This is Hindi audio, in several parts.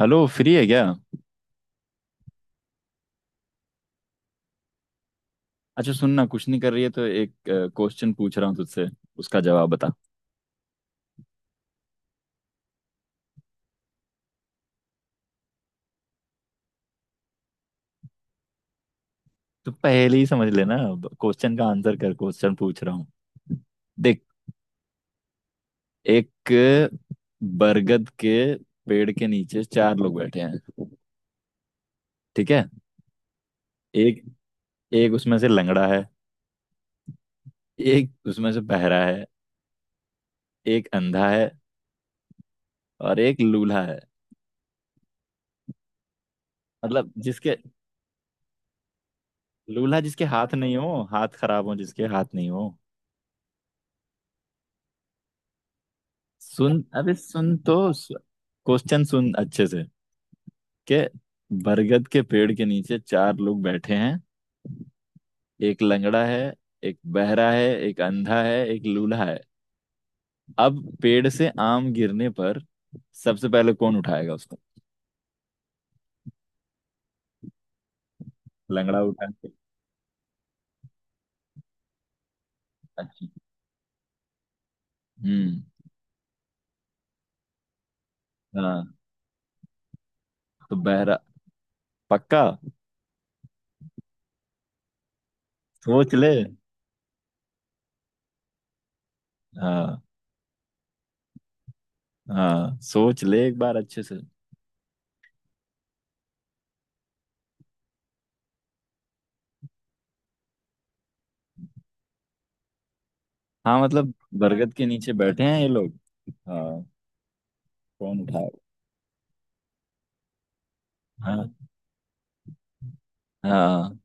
हेलो, फ्री है क्या। अच्छा, सुनना कुछ नहीं कर रही है तो एक क्वेश्चन पूछ रहा हूँ तुझसे, उसका जवाब बता। तो पहले ही समझ लेना, क्वेश्चन का आंसर कर, क्वेश्चन पूछ रहा हूँ। देख, एक बरगद के पेड़ के नीचे चार लोग बैठे हैं, ठीक है। एक एक उसमें से लंगड़ा है, एक उसमें से बहरा है, एक अंधा है, और एक लूल्हा है। मतलब जिसके, लूल्हा जिसके हाथ नहीं हो, हाथ खराब हो, जिसके हाथ नहीं हो। सुन अबे, सुन तो, क्वेश्चन सुन अच्छे से। के बरगद के पेड़ के नीचे चार लोग बैठे हैं, एक लंगड़ा है, एक बहरा है, एक अंधा है, एक लूला है। अब पेड़ से आम गिरने पर सबसे पहले कौन उठाएगा उसको? लंगड़ा उठाएगा? अच्छा। हम्म। हाँ, तो बहरा। पक्का? सोच ले। हाँ। हाँ, सोच ले एक बार अच्छे से। हाँ, मतलब बरगद के नीचे बैठे हैं ये लोग, हाँ। कौन उठाएगा? हाँ। हाँ।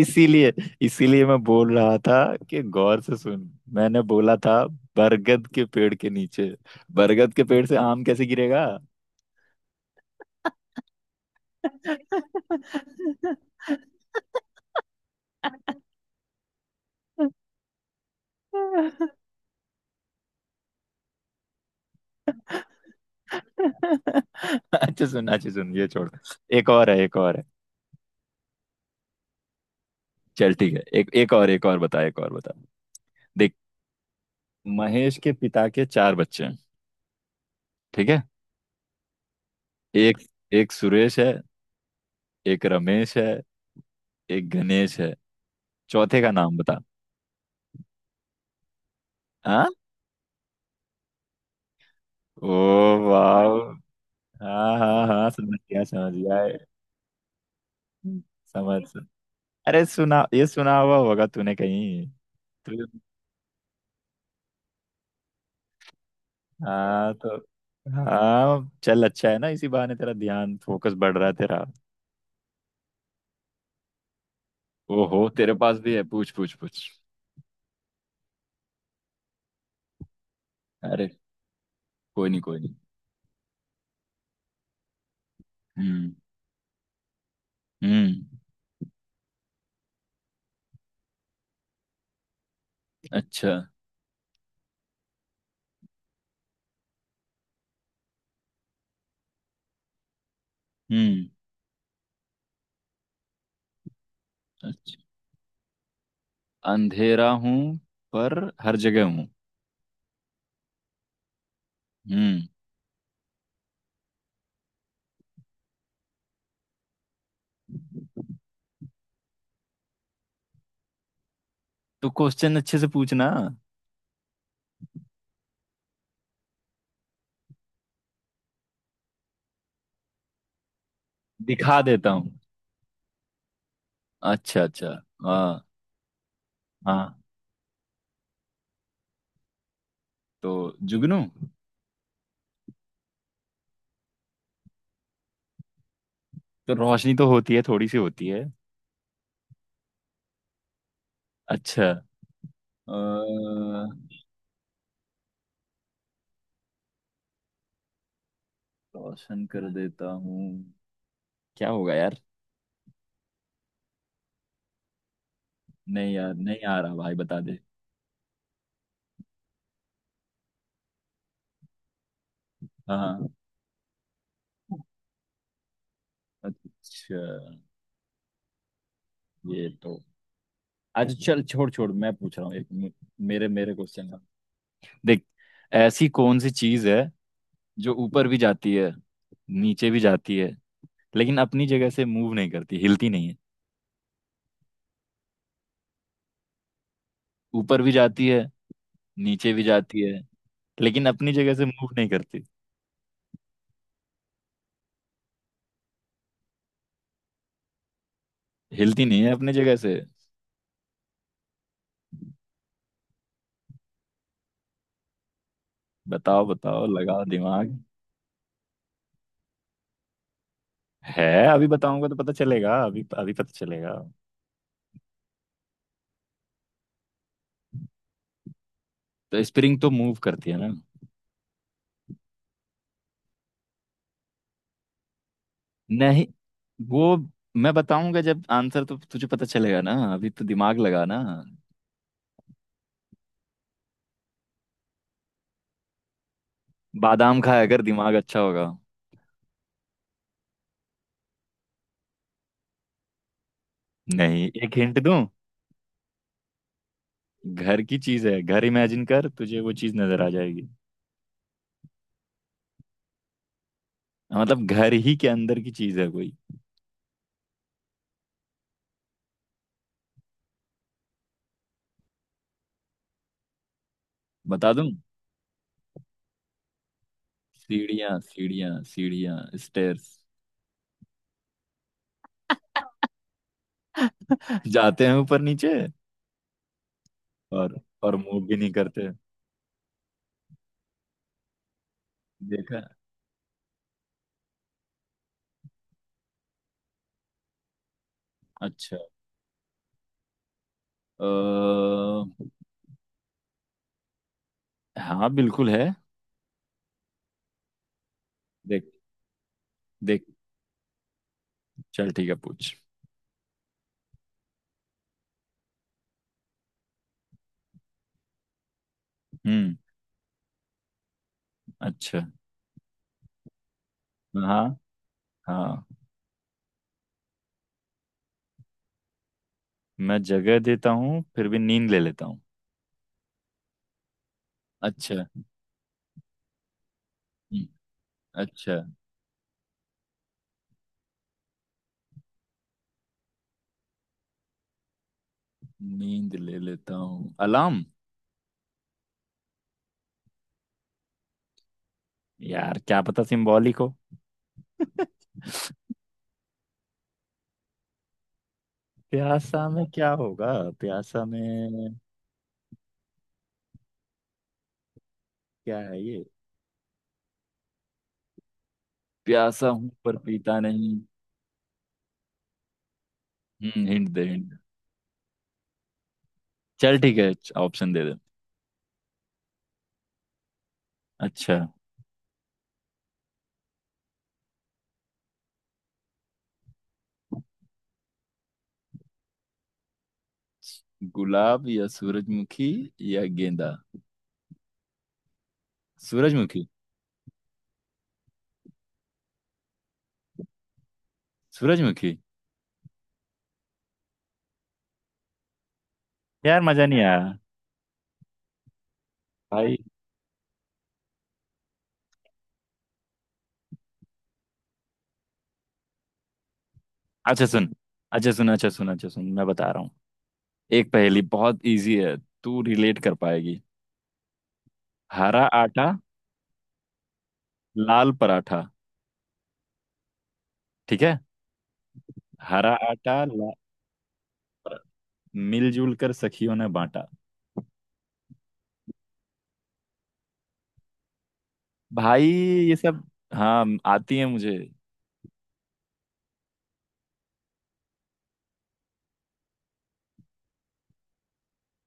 इसीलिए इसीलिए मैं बोल रहा था कि गौर से सुन। मैंने बोला था बरगद के पेड़ के नीचे, बरगद के पेड़ से आम कैसे गिरेगा। अच्छा सुन, अच्छा सुन, ये छोड़। एक और है, एक और है। चल ठीक है, एक एक और, एक और बता, एक और बता। देख, महेश के पिता के चार बच्चे हैं, ठीक है। एक, एक सुरेश है, एक रमेश है, एक गणेश है, चौथे का नाम बता। हाँ। ओ वाह। हाँ हाँ हाँ, समझ गया, समझ गया, समझ। अरे सुना, ये सुना हुआ होगा तूने कहीं। तो, हाँ तो, हाँ चल अच्छा है ना, इसी बहाने तेरा ध्यान फोकस बढ़ रहा है तेरा। ओहो, तेरे पास भी है? पूछ पूछ पूछ। अरे कोई नहीं, कोई नहीं। हम्म। हम्म। अच्छा। हम्म। अच्छा, अंधेरा हूँ पर हर जगह हूँ। हम्म। तो क्वेश्चन अच्छे से पूछना। दिखा देता हूँ। अच्छा अच्छा। हाँ। हाँ, तो जुगनू? तो रोशनी तो होती है, थोड़ी सी होती है। अच्छा। अ, रोशन कर देता हूँ, क्या होगा यार। नहीं यार, नहीं आ रहा भाई, बता दे। हाँ। हाँ। अच्छा। ये तो, अच्छा चल, छोड़ छोड़। मैं पूछ रहा हूँ एक मे- मेरे मेरे क्वेश्चन का। देख, ऐसी कौन सी चीज है जो ऊपर भी जाती है, नीचे भी जाती है, लेकिन अपनी जगह से मूव नहीं करती, हिलती नहीं है। ऊपर भी जाती है, नीचे भी जाती है, लेकिन अपनी जगह से मूव नहीं करती, हिलती नहीं है अपने जगह से। बताओ, बताओ, लगाओ दिमाग। है, अभी बताऊंगा तो पता चलेगा, अभी अभी पता चलेगा। तो स्प्रिंग तो मूव करती है ना। नहीं। वो, मैं बताऊंगा जब आंसर तो तुझे पता चलेगा ना, अभी तो दिमाग लगा ना। बादाम खाया कर, दिमाग अच्छा होगा। नहीं, एक हिंट दूं। घर की चीज है, घर इमेजिन कर, तुझे वो चीज नजर आ जाएगी। मतलब घर ही के अंदर की चीज है कोई। बता दूं? सीढ़ियां, सीढ़ियां, सीढ़ियां। स्टेयर्स। जाते हैं ऊपर नीचे, और और मूव भी नहीं करते। देखा है? अच्छा। अ, हाँ बिल्कुल है। देख, देख, चल ठीक है पूछ। हम्म। अच्छा। हाँ। हाँ, मैं जगह देता हूँ फिर भी नींद ले लेता हूँ। अच्छा। हम्म, अच्छा। नींद ले लेता हूँ, अलार्म। यार क्या पता सिंबॉलिक हो। प्यासा में क्या होगा, प्यासा में। क्या है ये, प्यासा हूं पर पीता नहीं। हम्म, हिंट दे हिंट। चल ठीक है, ऑप्शन दे दे। अच्छा। गुलाब या सूरजमुखी, या गेंदा। सूरजमुखी। सूरजमुखी। यार मजा नहीं आया भाई। अच्छा सुन, अच्छा सुन, अच्छा सुन, अच्छा सुन, मैं बता रहा हूँ, एक पहेली बहुत इजी है, तू रिलेट कर पाएगी। हरा आटा लाल पराठा, ठीक है। हरा आटा ला, मिलजुल कर सखियों ने बांटा। भाई, ये सब, हाँ आती है मुझे।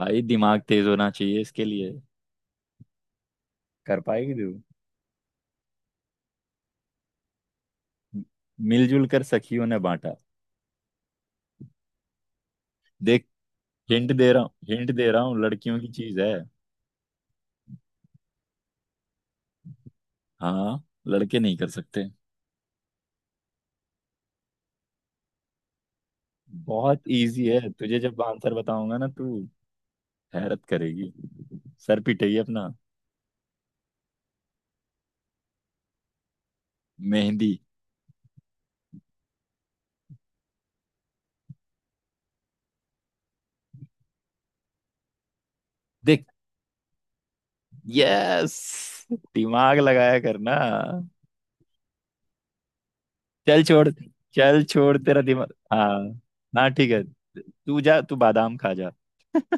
भाई दिमाग तेज होना चाहिए इसके लिए। कर पाएगी तू? मिलजुल कर सखियों ने बांटा। देख, हिंट दे रहा हूँ, हिंट दे रहा हूँ, लड़कियों की चीज है। हाँ, लड़के नहीं कर सकते। बहुत इजी है, तुझे जब आंसर बताऊंगा ना, तू हैरत करेगी, सर पिटाइए अपना। मेहंदी। देख, यस, दिमाग लगाया करना। चल छोड़, चल छोड़ तेरा दिमाग। हाँ। हाँ ठीक है, तू जा, तू बादाम खा जा।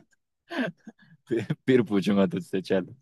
फिर पूछूंगा तुझसे, चल।